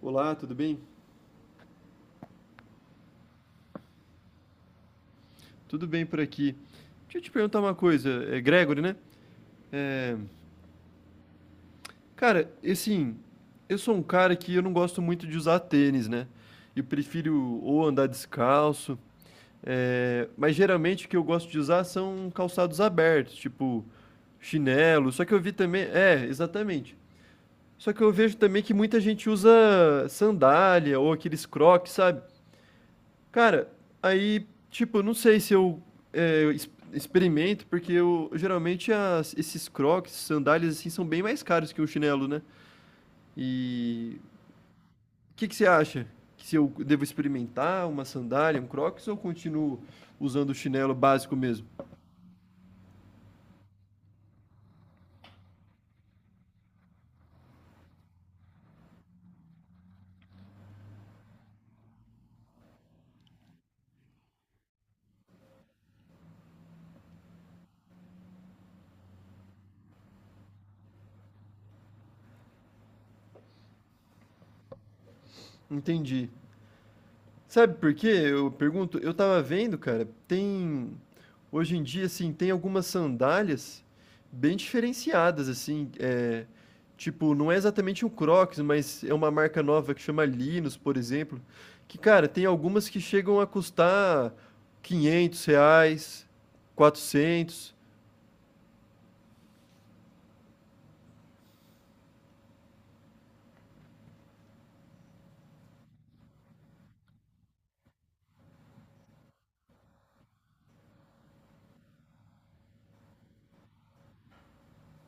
Olá, tudo bem? Tudo bem por aqui. Deixa eu te perguntar uma coisa, é Gregory, né? É, cara, assim, eu sou um cara que eu não gosto muito de usar tênis, né? Eu prefiro ou andar descalço, é, mas geralmente o que eu gosto de usar são calçados abertos, tipo chinelo. Só que eu vi também, é, exatamente. Só que eu vejo também que muita gente usa sandália ou aqueles crocs, sabe? Cara, aí, tipo, não sei se eu, eu experimento, porque eu geralmente esses crocs, sandálias assim, são bem mais caros que um chinelo, né? E o que que você acha? Que se eu devo experimentar uma sandália, um crocs, ou continuo usando o chinelo básico mesmo? Entendi. Sabe por quê? Eu pergunto, eu tava vendo, cara, tem hoje em dia assim, tem algumas sandálias bem diferenciadas assim, eh, tipo, não é exatamente um Crocs, mas é uma marca nova que chama Linus, por exemplo, que, cara, tem algumas que chegam a custar R$ 500, 400.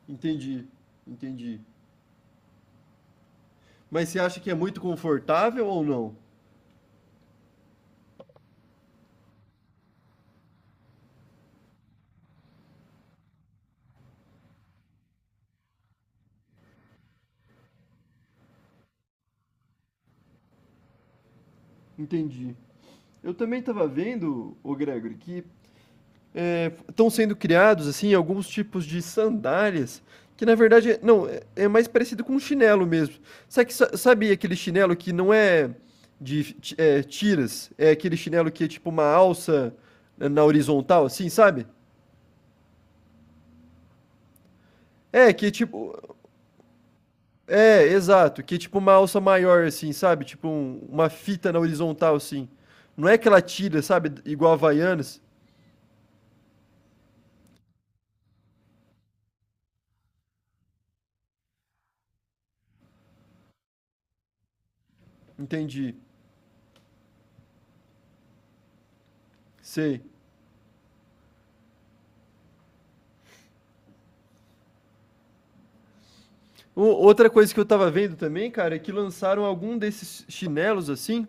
Entendi, entendi. Mas você acha que é muito confortável ou não? Entendi. Eu também estava vendo, ô Gregory, que é, estão sendo criados assim alguns tipos de sandálias que na verdade não é- é mais parecido com um chinelo mesmo. Sabe, sabe aquele chinelo que não é de é, tiras, é aquele chinelo que é tipo uma alça na horizontal, assim, sabe? É que é tipo é exato, que é tipo uma alça maior assim, sabe? Tipo uma fita na horizontal assim. Não é aquela tira, sabe? Igual a Havaianas. Entendi. Sei. Outra coisa que eu tava vendo também, cara, é que lançaram algum desses chinelos assim,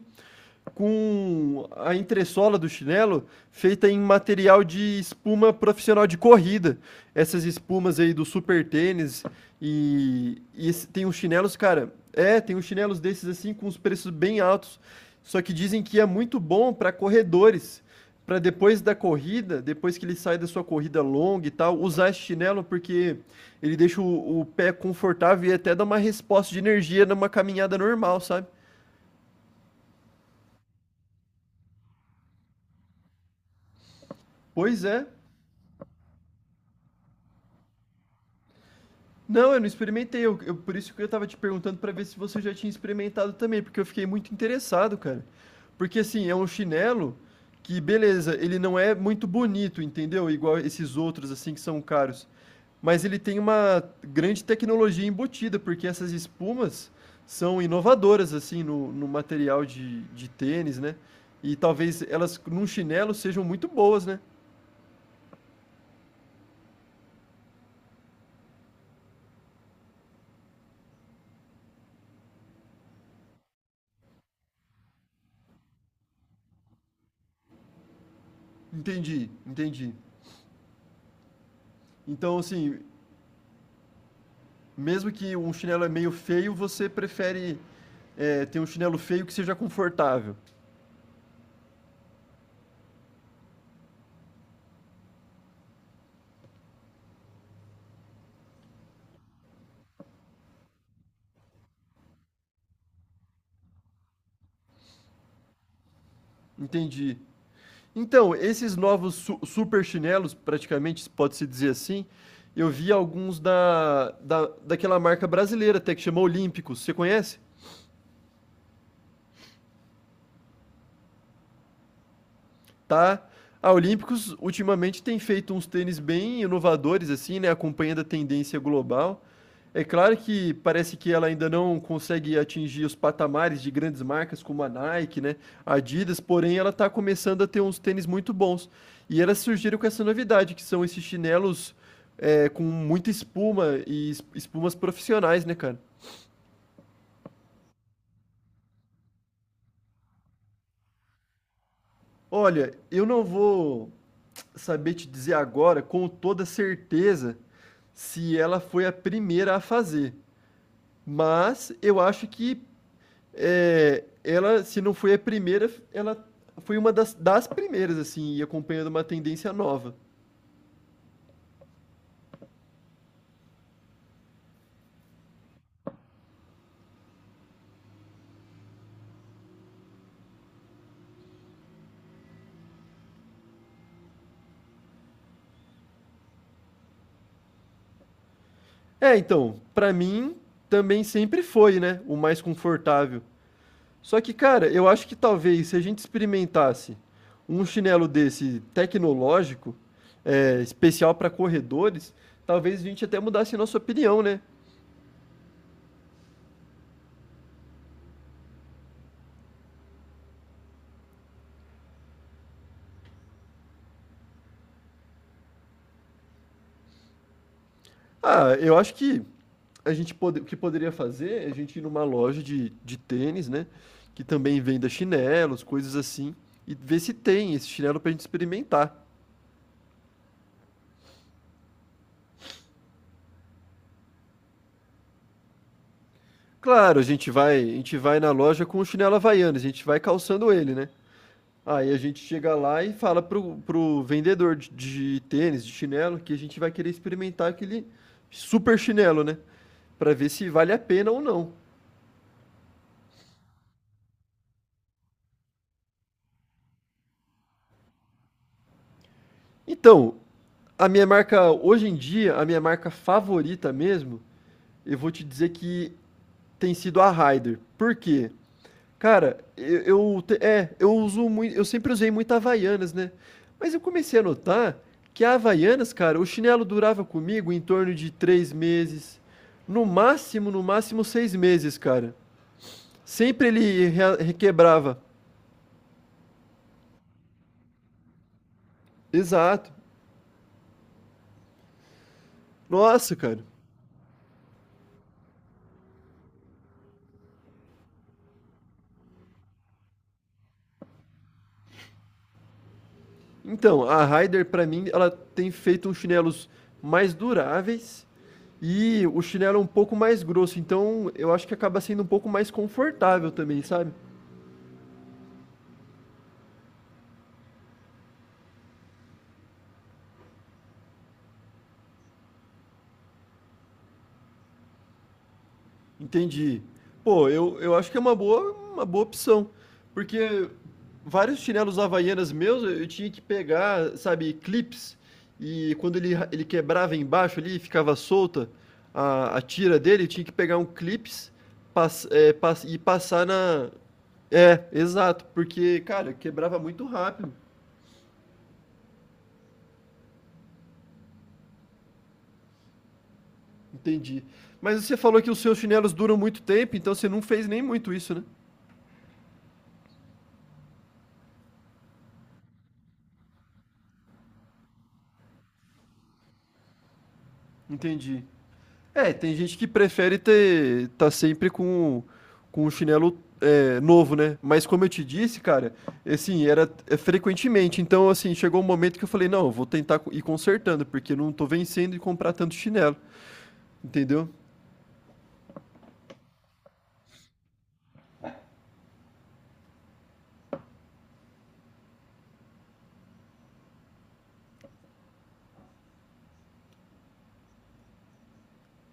com a entressola do chinelo feita em material de espuma profissional de corrida. Essas espumas aí do super tênis e tem uns chinelos, cara, é, tem uns chinelos desses assim com os preços bem altos. Só que dizem que é muito bom para corredores, para depois da corrida, depois que ele sai da sua corrida longa e tal, usar esse chinelo porque ele deixa o pé confortável e até dá uma resposta de energia numa caminhada normal, sabe? Pois é. Não, eu não experimentei. Eu por isso que eu tava te perguntando pra ver se você já tinha experimentado também, porque eu fiquei muito interessado, cara. Porque assim, é um chinelo que, beleza, ele não é muito bonito, entendeu? Igual esses outros assim que são caros. Mas ele tem uma grande tecnologia embutida, porque essas espumas são inovadoras assim no material de tênis, né? E talvez elas num chinelo sejam muito boas, né? Entendi, entendi. Então, assim, mesmo que um chinelo é meio feio, você prefere é, ter um chinelo feio que seja confortável. Entendi. Então, esses novos su super chinelos, praticamente, pode-se dizer assim, eu vi alguns daquela marca brasileira até que chama Olímpicos. Você conhece? Tá? A Olímpicos ultimamente tem feito uns tênis bem inovadores, assim, né? Acompanhando a tendência global. É claro que parece que ela ainda não consegue atingir os patamares de grandes marcas como a Nike, né? A Adidas, porém, ela está começando a ter uns tênis muito bons. E elas surgiram com essa novidade, que são esses chinelos é, com muita espuma e espumas profissionais, né, cara? Olha, eu não vou saber te dizer agora com toda certeza se ela foi a primeira a fazer. Mas eu acho que é, ela, se não foi a primeira, ela foi uma das primeiras, assim, e acompanhando uma tendência nova. É, então, pra mim, também sempre foi, né? O mais confortável. Só que, cara, eu acho que talvez se a gente experimentasse um chinelo desse tecnológico, é, especial para corredores, talvez a gente até mudasse nossa opinião, né? Ah, eu acho que a gente pode, o que poderia fazer é a gente ir numa loja de tênis, né? Que também venda chinelos, coisas assim, e ver se tem esse chinelo pra gente experimentar. Claro, a gente vai na loja com o chinelo Havaianas, a gente vai calçando ele, né? Aí a gente chega lá e fala pro vendedor de tênis, de chinelo, que a gente vai querer experimentar aquele super chinelo, né? Pra ver se vale a pena ou não. Então, a minha marca, hoje em dia, a minha marca favorita mesmo, eu vou te dizer que tem sido a Raider. Por quê? Cara, eu uso muito, eu sempre usei muito Havaianas, né? Mas eu comecei a notar que a Havaianas, cara, o chinelo durava comigo em torno de 3 meses, no máximo, no máximo 6 meses, cara. Sempre ele requebrava. Exato. Nossa, cara. Então, a Ryder, pra mim, ela tem feito uns chinelos mais duráveis e o chinelo é um pouco mais grosso. Então, eu acho que acaba sendo um pouco mais confortável também, sabe? Entendi. Pô, eu acho que é uma boa opção, porque vários chinelos havaianas meus eu tinha que pegar, sabe, clips, e quando ele, ele quebrava embaixo ali, ficava solta a tira dele, eu tinha que pegar um clips pass, e passar na. É, exato, porque, cara, quebrava muito rápido. Entendi. Mas você falou que os seus chinelos duram muito tempo, então você não fez nem muito isso, né? Entendi. É, tem gente que prefere ter tá sempre com um chinelo é, novo, né? Mas como eu te disse, cara, assim, era é, frequentemente. Então, assim, chegou um momento que eu falei, não, eu vou tentar ir consertando, porque não tô vencendo de comprar tanto chinelo, entendeu?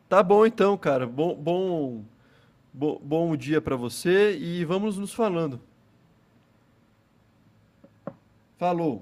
Tá bom então, cara. Bom dia pra você e vamos nos falando. Falou.